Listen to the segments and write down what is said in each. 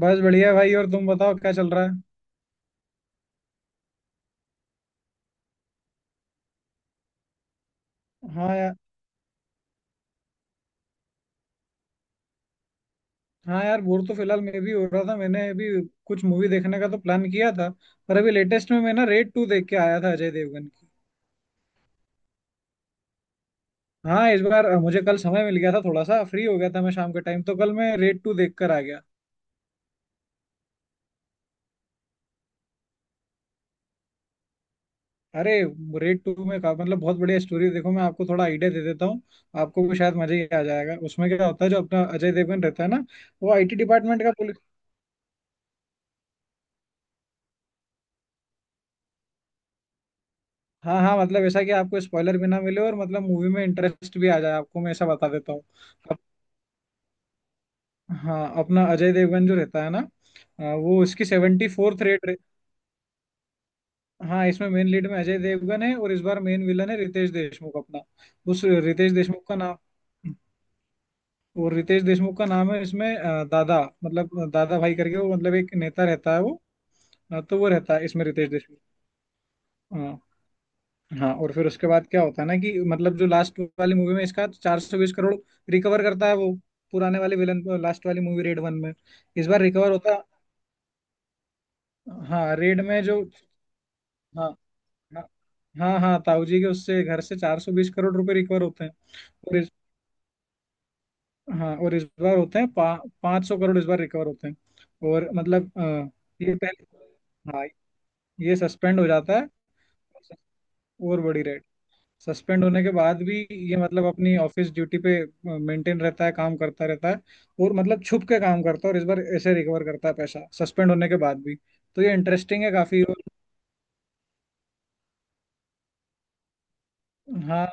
बस बढ़िया भाई। और तुम बताओ क्या चल रहा है? हाँ यार। हाँ यार, बोर तो फिलहाल मैं भी हो रहा था। मैंने अभी कुछ मूवी देखने का तो प्लान किया था, पर अभी लेटेस्ट में मैं ना रेड टू देख के आया था, अजय देवगन की। हाँ इस बार मुझे कल समय मिल गया था, थोड़ा सा फ्री हो गया था मैं शाम के टाइम, तो कल मैं रेड टू देख कर आ गया। अरे, रेड टू में का मतलब बहुत बढ़िया स्टोरी। देखो मैं आपको थोड़ा आइडिया दे देता हूँ, आपको भी शायद मजा ही आ जाएगा। उसमें क्या होता है, जो अपना अजय देवगन रहता है ना, वो आईटी डिपार्टमेंट का। हाँ, हाँ, मतलब ऐसा कि आपको स्पॉइलर भी ना मिले और मतलब मूवी में इंटरेस्ट भी आ जाए आपको, मैं ऐसा बता देता हूँ। हाँ अपना अजय देवगन जो रहता है ना, वो इसकी 74th रेट। हाँ इसमें मेन लीड में अजय देवगन है और इस बार मेन विलन है रितेश देशमुख अपना। उस रितेश देशमुख का नाम, और रितेश देशमुख का नाम है इसमें दादा, मतलब दादा भाई करके, वो मतलब एक नेता रहता है वो। तो वो रहता है इसमें रितेश देशमुख। हाँ। हाँ और फिर उसके बाद क्या होता है ना, कि मतलब जो लास्ट वाली मूवी में इसका 420 करोड़ रिकवर करता है वो, पुराने वाले विलन, लास्ट वाली मूवी रेड वन में। इस बार रिकवर होता। हाँ रेड में जो, हाँ। हाँ। हाँ हाँ ताऊ जी के उससे घर से 420 करोड़ रुपए रिकवर होते हैं। और इस, हाँ, और इस बार होते हैं 500 करोड़, इस बार रिकवर होते हैं। और मतलब ये पहले, हाँ, ये सस्पेंड हो जाता है। और बड़ी रेड, सस्पेंड होने के बाद भी ये मतलब अपनी ऑफिस ड्यूटी पे मेंटेन रहता है, काम करता रहता है। और मतलब छुप के काम करता है, और इस बार ऐसे रिकवर करता है पैसा सस्पेंड होने के बाद भी। तो ये इंटरेस्टिंग है काफी। और हाँ,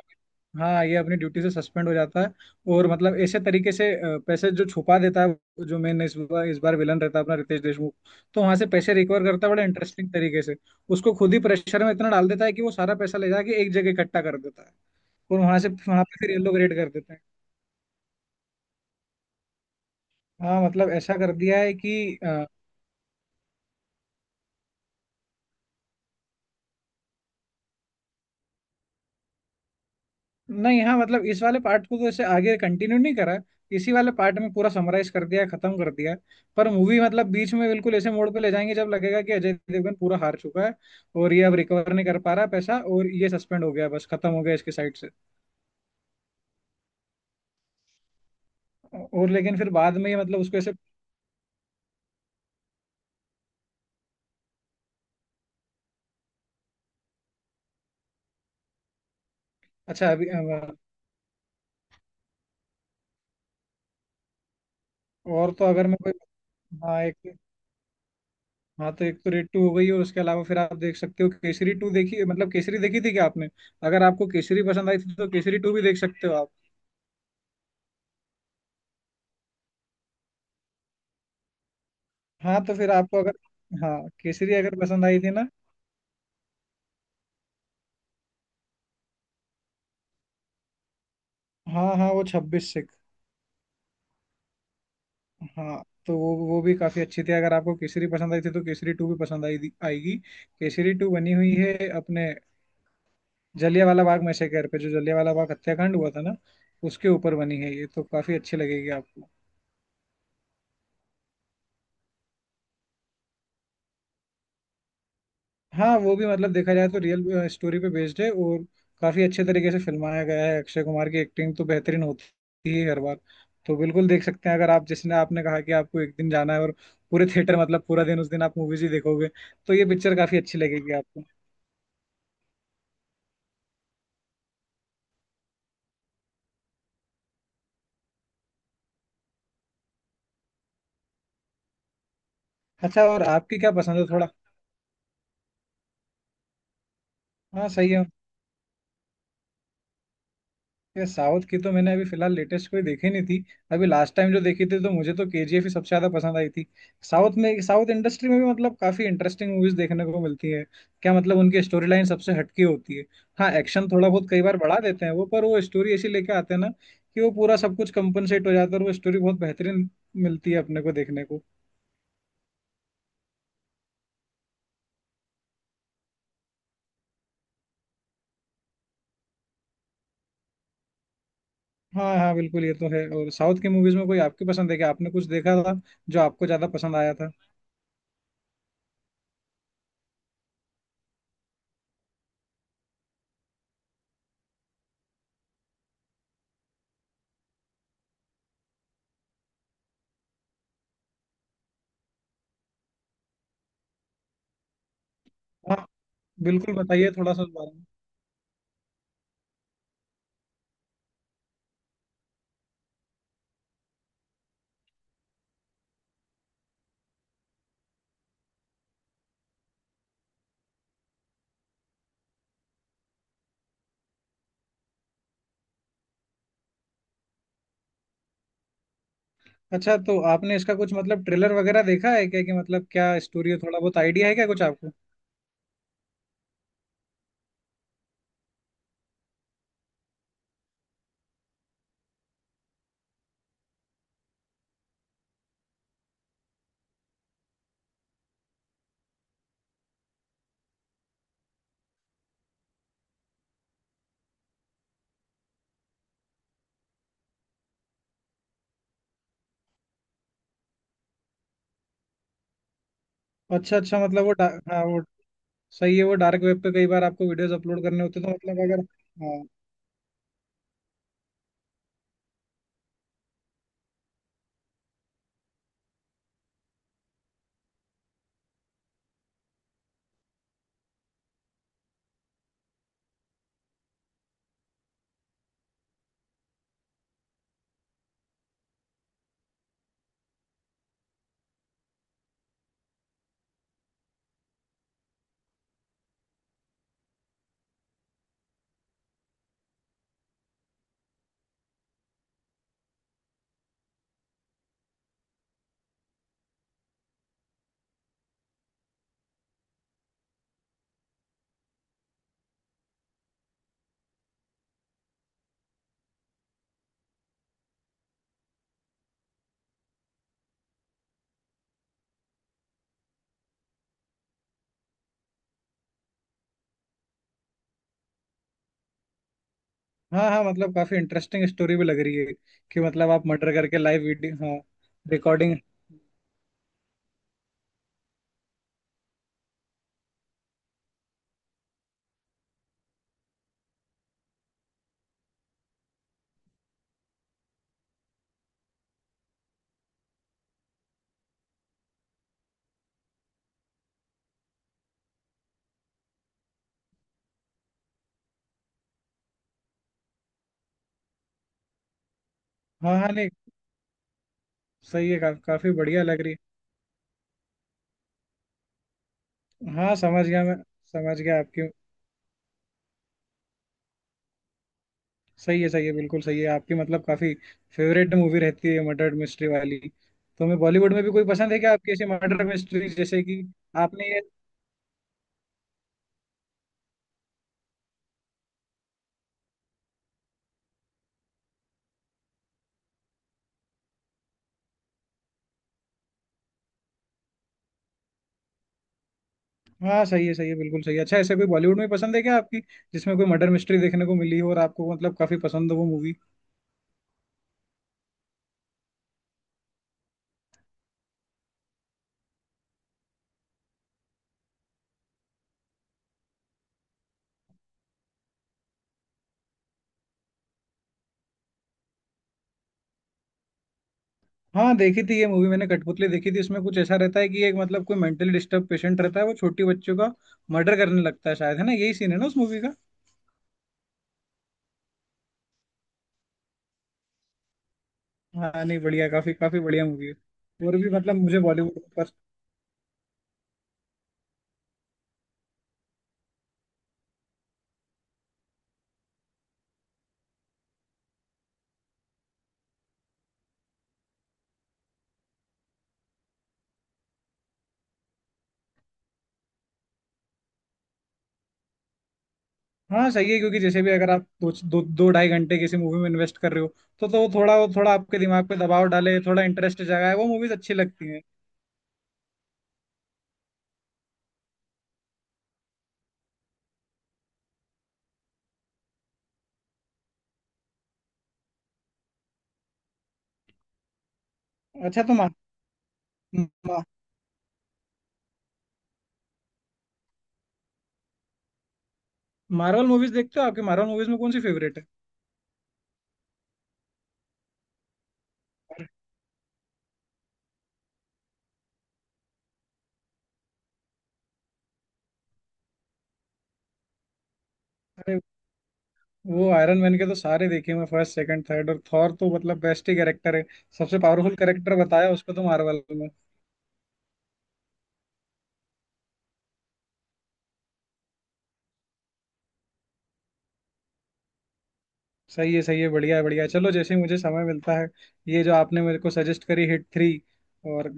हाँ, ये अपनी ड्यूटी से सस्पेंड हो जाता है। और मतलब ऐसे तरीके से पैसे जो छुपा देता है, जो मेन इस बार विलन रहता है अपना रितेश देशमुख, तो वहां से पैसे रिकवर करता है बड़े इंटरेस्टिंग तरीके से। उसको खुद ही प्रेशर में इतना डाल देता है कि वो सारा पैसा ले जाके एक जगह इकट्ठा कर देता है, और वहां से वहां पे फिर ये लोग रेड कर देते हैं। हाँ मतलब ऐसा कर दिया है कि नहीं, हाँ, मतलब इस वाले पार्ट को तो ऐसे आगे कंटिन्यू नहीं करा, इसी वाले पार्ट में पूरा समराइज कर दिया, खत्म कर दिया। पर मूवी मतलब बीच में बिल्कुल ऐसे मोड़ पे ले जाएंगे जब लगेगा कि अजय देवगन पूरा हार चुका है, और ये अब रिकवर नहीं कर पा रहा पैसा और ये सस्पेंड हो गया, बस खत्म हो गया इसके साइड से। और लेकिन फिर बाद में ये मतलब उसको ऐसे। अच्छा अभी और तो अगर मैं कोई, हाँ एक, हाँ तो एक तो रेड टू हो गई, और उसके अलावा फिर आप देख सकते हो केसरी टू। देखी, मतलब केसरी देखी थी क्या आपने? अगर आपको केसरी पसंद आई थी तो केसरी टू भी देख सकते हो आप। हाँ तो फिर आपको अगर, हाँ केसरी अगर पसंद आई थी ना, हाँ हाँ वो 26 सिख। हाँ तो वो भी काफी अच्छी थी, अगर आपको केसरी पसंद आई थी तो केसरी टू भी पसंद आई आएगी। केसरी टू बनी हुई है अपने जलियांवाला बाग मैसेकर पे, जो जलियांवाला बाग हत्याकांड हुआ था ना, उसके ऊपर बनी है ये, तो काफी अच्छी लगेगी आपको। हाँ वो भी मतलब देखा जाए तो रियल स्टोरी पे बेस्ड है, और काफी अच्छे तरीके से फिल्माया गया है, अक्षय कुमार की एक्टिंग तो बेहतरीन होती है हर बार। तो बिल्कुल देख सकते हैं, अगर आप, जिसने आपने कहा कि आपको एक दिन जाना है और पूरे थिएटर मतलब पूरा दिन उस दिन आप मूवीज ही देखोगे, तो ये पिक्चर काफी अच्छी लगेगी आपको। अच्छा, और आपकी क्या पसंद है थोड़ा? हाँ सही है। ये साउथ की तो मैंने अभी फिलहाल लेटेस्ट कोई देखी नहीं थी। अभी लास्ट टाइम जो देखी थी तो मुझे तो केजीएफ ही सबसे ज्यादा पसंद आई थी। साउथ में साउथ इंडस्ट्री में भी मतलब काफी इंटरेस्टिंग मूवीज देखने को मिलती है। क्या, मतलब उनकी स्टोरी लाइन सबसे हटकी होती है। हाँ एक्शन थोड़ा बहुत कई बार बढ़ा देते हैं वो, पर वो स्टोरी ऐसी लेके आते हैं ना कि वो पूरा सब कुछ कंपनसेट हो जाता है, और वो स्टोरी बहुत बेहतरीन मिलती है अपने को देखने को। हाँ हाँ बिल्कुल, ये तो है। और साउथ की मूवीज में कोई आपकी पसंद है क्या? आपने कुछ देखा था जो आपको ज्यादा पसंद आया था? हाँ बिल्कुल बताइए थोड़ा सा उस बारे में। अच्छा तो आपने इसका कुछ मतलब ट्रेलर वगैरह देखा है क्या, कि मतलब क्या स्टोरी है, थोड़ा बहुत आइडिया है क्या कुछ आपको? अच्छा अच्छा, मतलब वो हाँ वो सही है, वो डार्क वेब पे कई बार आपको वीडियोस अपलोड करने होते हैं, तो मतलब अगर, हाँ हाँ हाँ, मतलब काफी इंटरेस्टिंग स्टोरी भी लग रही है कि मतलब आप मर्डर करके लाइव वीडियो, हाँ रिकॉर्डिंग। हाँ हाँ नहीं सही है काफी बढ़िया लग रही है। हाँ समझ गया मैं, समझ गया आपकी। सही है बिल्कुल सही है आपकी, मतलब काफी फेवरेट मूवी रहती है मर्डर मिस्ट्री वाली। तो मैं, बॉलीवुड में भी कोई पसंद है क्या आपकी ऐसी मर्डर मिस्ट्री जैसे कि आपने ये, हाँ सही है बिल्कुल सही है। अच्छा ऐसे कोई बॉलीवुड में पसंद है क्या आपकी, जिसमें कोई मर्डर मिस्ट्री देखने को मिली हो और आपको मतलब काफी पसंद हो वो मूवी? हाँ देखी थी ये मूवी मैंने, कठपुतली देखी थी। इसमें कुछ ऐसा रहता है कि एक, मतलब कोई मेंटली डिस्टर्ब पेशेंट रहता है, वो छोटी बच्चों का मर्डर करने लगता है शायद, है ना, यही सीन है ना उस मूवी का? हाँ नहीं बढ़िया, काफी काफी बढ़िया मूवी है। और भी मतलब मुझे बॉलीवुड, हाँ सही है, क्योंकि जैसे भी अगर आप दो दो दो ढाई घंटे किसी मूवी में इन्वेस्ट कर रहे हो तो वो थोड़ा, वो थोड़ा आपके दिमाग पे दबाव डाले, थोड़ा इंटरेस्ट जगाए, वो मूवीज अच्छी लगती हैं। अच्छा तो मा, मा, मार्वल मूवीज देखते हो? आपकी मार्वल मूवीज में कौन सी फेवरेट है? अरे वो आयरन मैन के तो सारे देखे मैं, फर्स्ट सेकंड थर्ड, और थॉर तो मतलब बेस्ट ही कैरेक्टर है, सबसे पावरफुल कैरेक्टर बताया उसको तो मार्वल में। सही है बढ़िया है बढ़िया है। चलो जैसे ही मुझे समय मिलता है, ये जो आपने मेरे को सजेस्ट करी हिट थ्री, और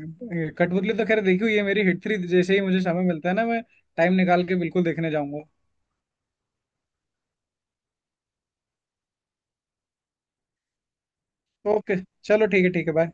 कठपुतली तो खैर देखी हुई है मेरी, हिट थ्री जैसे ही मुझे समय मिलता है ना मैं टाइम निकाल के बिल्कुल देखने जाऊंगा। ओके, चलो ठीक है ठीक है, बाय।